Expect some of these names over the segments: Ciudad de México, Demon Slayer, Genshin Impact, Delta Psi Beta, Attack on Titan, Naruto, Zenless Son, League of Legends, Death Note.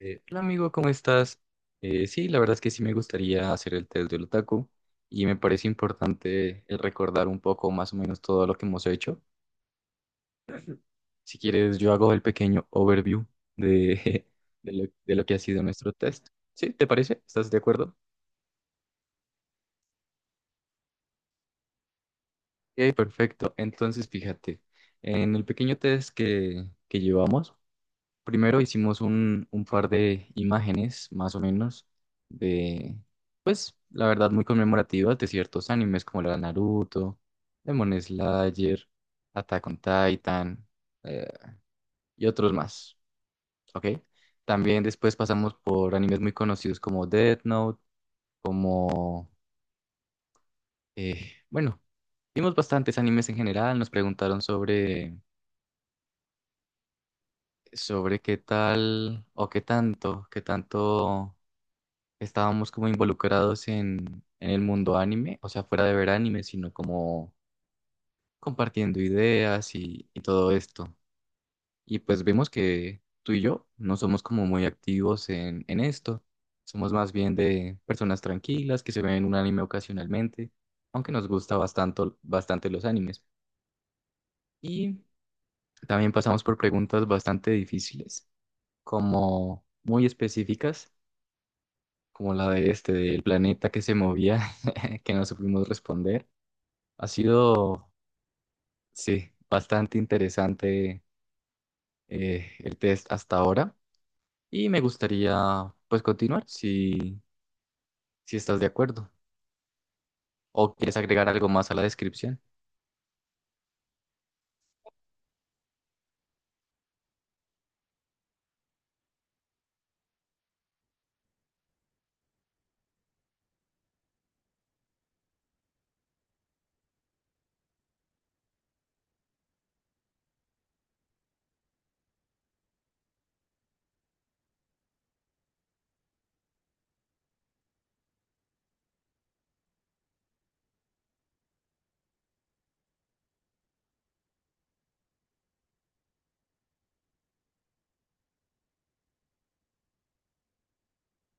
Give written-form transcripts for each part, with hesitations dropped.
Hola amigo, ¿cómo estás? Sí, la verdad es que sí me gustaría hacer el test del otaku y me parece importante el recordar un poco más o menos todo lo que hemos hecho. Si quieres, yo hago el pequeño overview de, de lo que ha sido nuestro test. ¿Sí? ¿Te parece? ¿Estás de acuerdo? Ok, perfecto. Entonces, fíjate, en el pequeño test que llevamos, primero hicimos un par de imágenes, más o menos, de, pues, la verdad, muy conmemorativas de ciertos animes como la de Naruto, Demon Slayer, Attack on Titan, eh, y otros más, ¿ok? También después pasamos por animes muy conocidos como Death Note, como, bueno, vimos bastantes animes en general, nos preguntaron sobre, sobre qué tal o qué tanto estábamos como involucrados en el mundo anime, o sea, fuera de ver anime, sino como compartiendo ideas y todo esto. Y pues vemos que tú y yo no somos como muy activos en esto, somos más bien de personas tranquilas que se ven un anime ocasionalmente, aunque nos gusta bastante, bastante los animes. Y también pasamos por preguntas bastante difíciles, como muy específicas, como la de este, del planeta que se movía que no supimos responder. Ha sido, sí, bastante interesante el test hasta ahora y me gustaría pues continuar si, si estás de acuerdo o quieres agregar algo más a la descripción.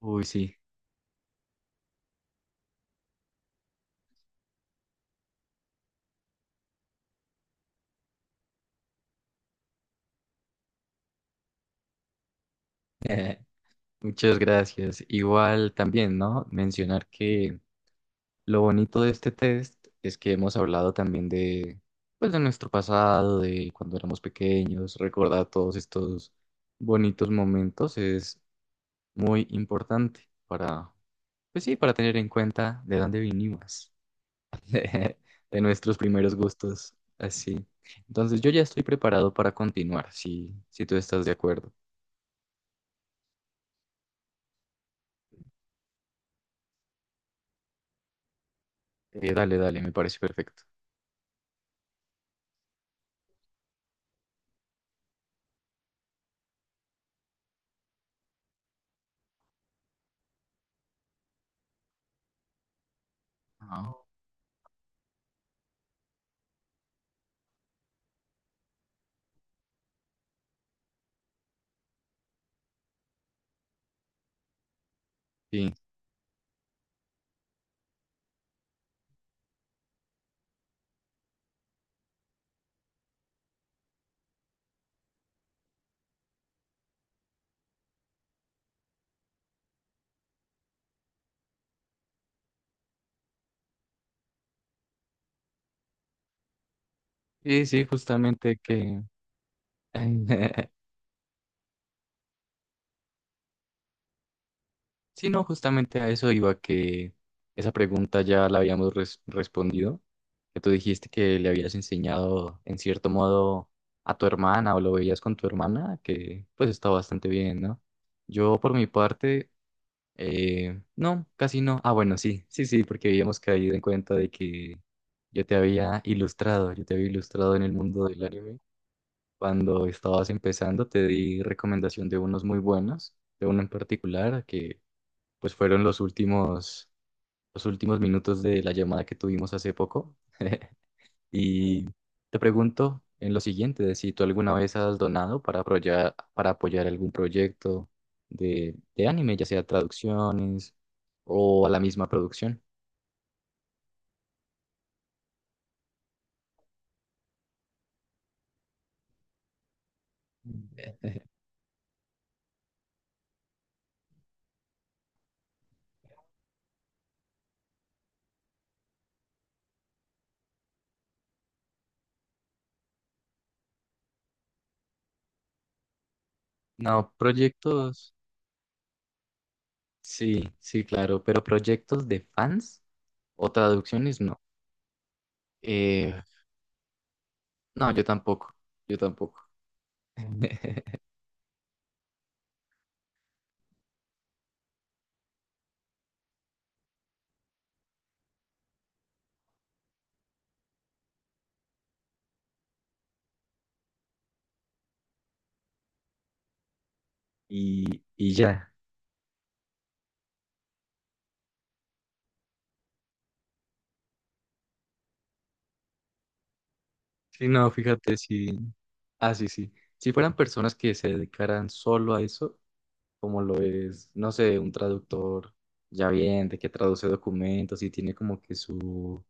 Uy, sí, muchas gracias. Igual también, ¿no? Mencionar que lo bonito de este test es que hemos hablado también de pues de nuestro pasado, de cuando éramos pequeños, recordar todos estos bonitos momentos es muy importante para, pues sí, para tener en cuenta de dónde vinimos, de nuestros primeros gustos, así. Entonces yo ya estoy preparado para continuar, si, si tú estás de acuerdo. Dale, dale, me parece perfecto. Ah, sí, sí, sí, justamente que sí, no, justamente a eso iba que esa pregunta ya la habíamos respondido, que tú dijiste que le habías enseñado en cierto modo a tu hermana o lo veías con tu hermana, que pues está bastante bien, ¿no? Yo por mi parte, no, casi no. Ah, bueno, sí, sí, sí, porque habíamos caído en cuenta de que yo te había ilustrado, yo te había ilustrado en el mundo del anime. Cuando estabas empezando, te di recomendación de unos muy buenos, de uno en particular que pues fueron los últimos minutos de la llamada que tuvimos hace poco. Y te pregunto en lo siguiente, de si tú alguna vez has donado para apoyar algún proyecto de anime, ya sea traducciones o a la misma producción. No, proyectos, sí, sí, claro, pero proyectos de fans o traducciones, no. Eh, no, yo tampoco, yo tampoco. Y, y ya. Sí, no, fíjate, sí. Ah, sí, sí. Si fueran personas que se dedicaran solo a eso, como lo es, no sé, un traductor ya bien, de que traduce documentos y tiene como que su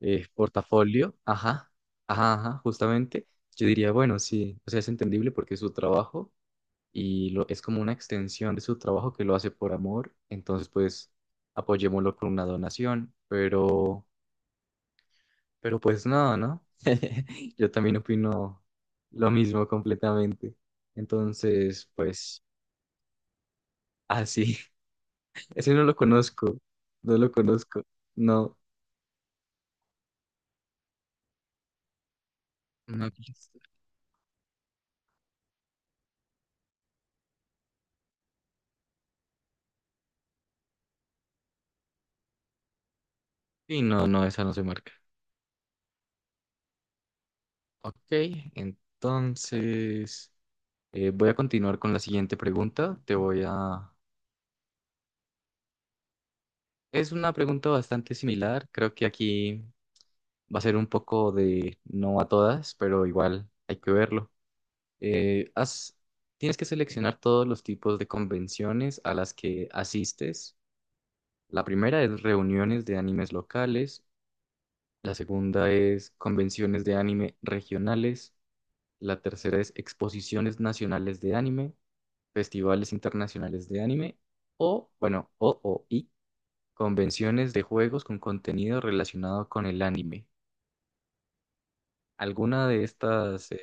portafolio, ajá, ajá, ajá, justamente, yo diría, bueno, sí, o sea, es entendible porque es su trabajo y lo, es como una extensión de su trabajo que lo hace por amor, entonces pues apoyémoslo con una donación, pero... Pero pues nada, ¿no? Yo también opino lo mismo completamente. Entonces, pues, así. Ese no lo conozco. No lo conozco. No. No. Y no, no, esa no se marca. Ok, entonces voy a continuar con la siguiente pregunta. Te voy a... Es una pregunta bastante similar. Creo que aquí va a ser un poco de no a todas, pero igual hay que verlo. eh, has- Tienes que seleccionar todos los tipos de convenciones a las que asistes. La primera es reuniones de animes locales, la segunda es convenciones de anime regionales, la tercera es exposiciones nacionales de anime, festivales internacionales de anime o, bueno, o, y convenciones de juegos con contenido relacionado con el anime. ¿Alguna de estas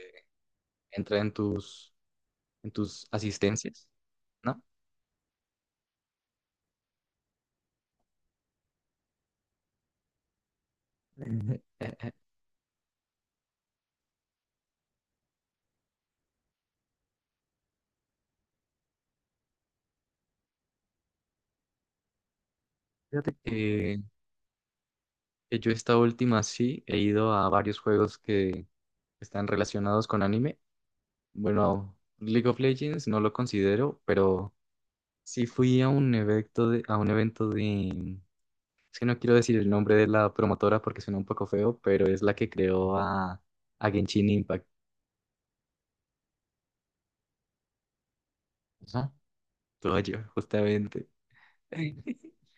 entra en tus asistencias? ¿No? Fíjate que yo esta última sí he ido a varios juegos que están relacionados con anime. Bueno, League of Legends no lo considero, pero sí fui a un evento a un evento de, es que no quiero decir el nombre de la promotora porque suena un poco feo, pero es la que creó a Genshin Impact. Ajá. Todo yo, justamente.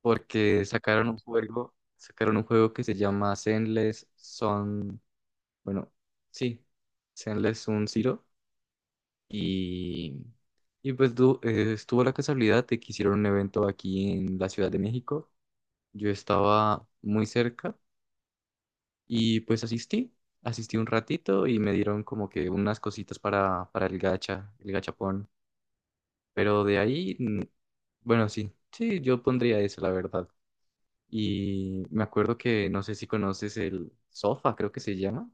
Porque sacaron un juego que se llama Zenless Son, bueno, sí, Zenless Sun Zero. Y, estuvo la casualidad de que hicieron un evento aquí en la Ciudad de México. Yo estaba muy cerca y pues asistí, asistí un ratito y me dieron como que unas cositas para el gacha, el gachapón. Pero de ahí, bueno, sí, sí, yo pondría eso, la verdad. Y me acuerdo que no sé si conoces el Sofa, creo que se llama.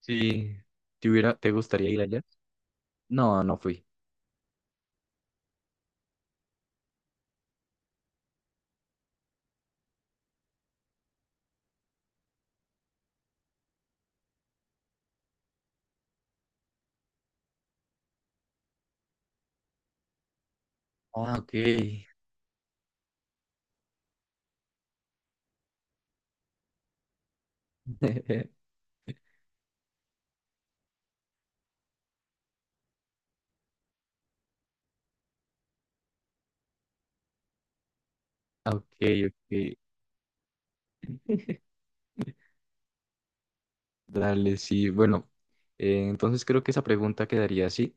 Sí, ¿te hubiera, te gustaría ir allá? No, no fui. Ah, ok. Ah, ok, ok, dale, sí. Bueno, entonces creo que esa pregunta quedaría así,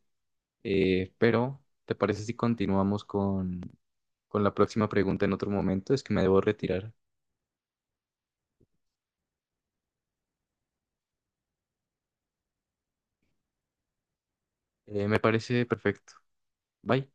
pero ¿te parece si continuamos con la próxima pregunta en otro momento? Es que me debo retirar. Me parece perfecto. Bye.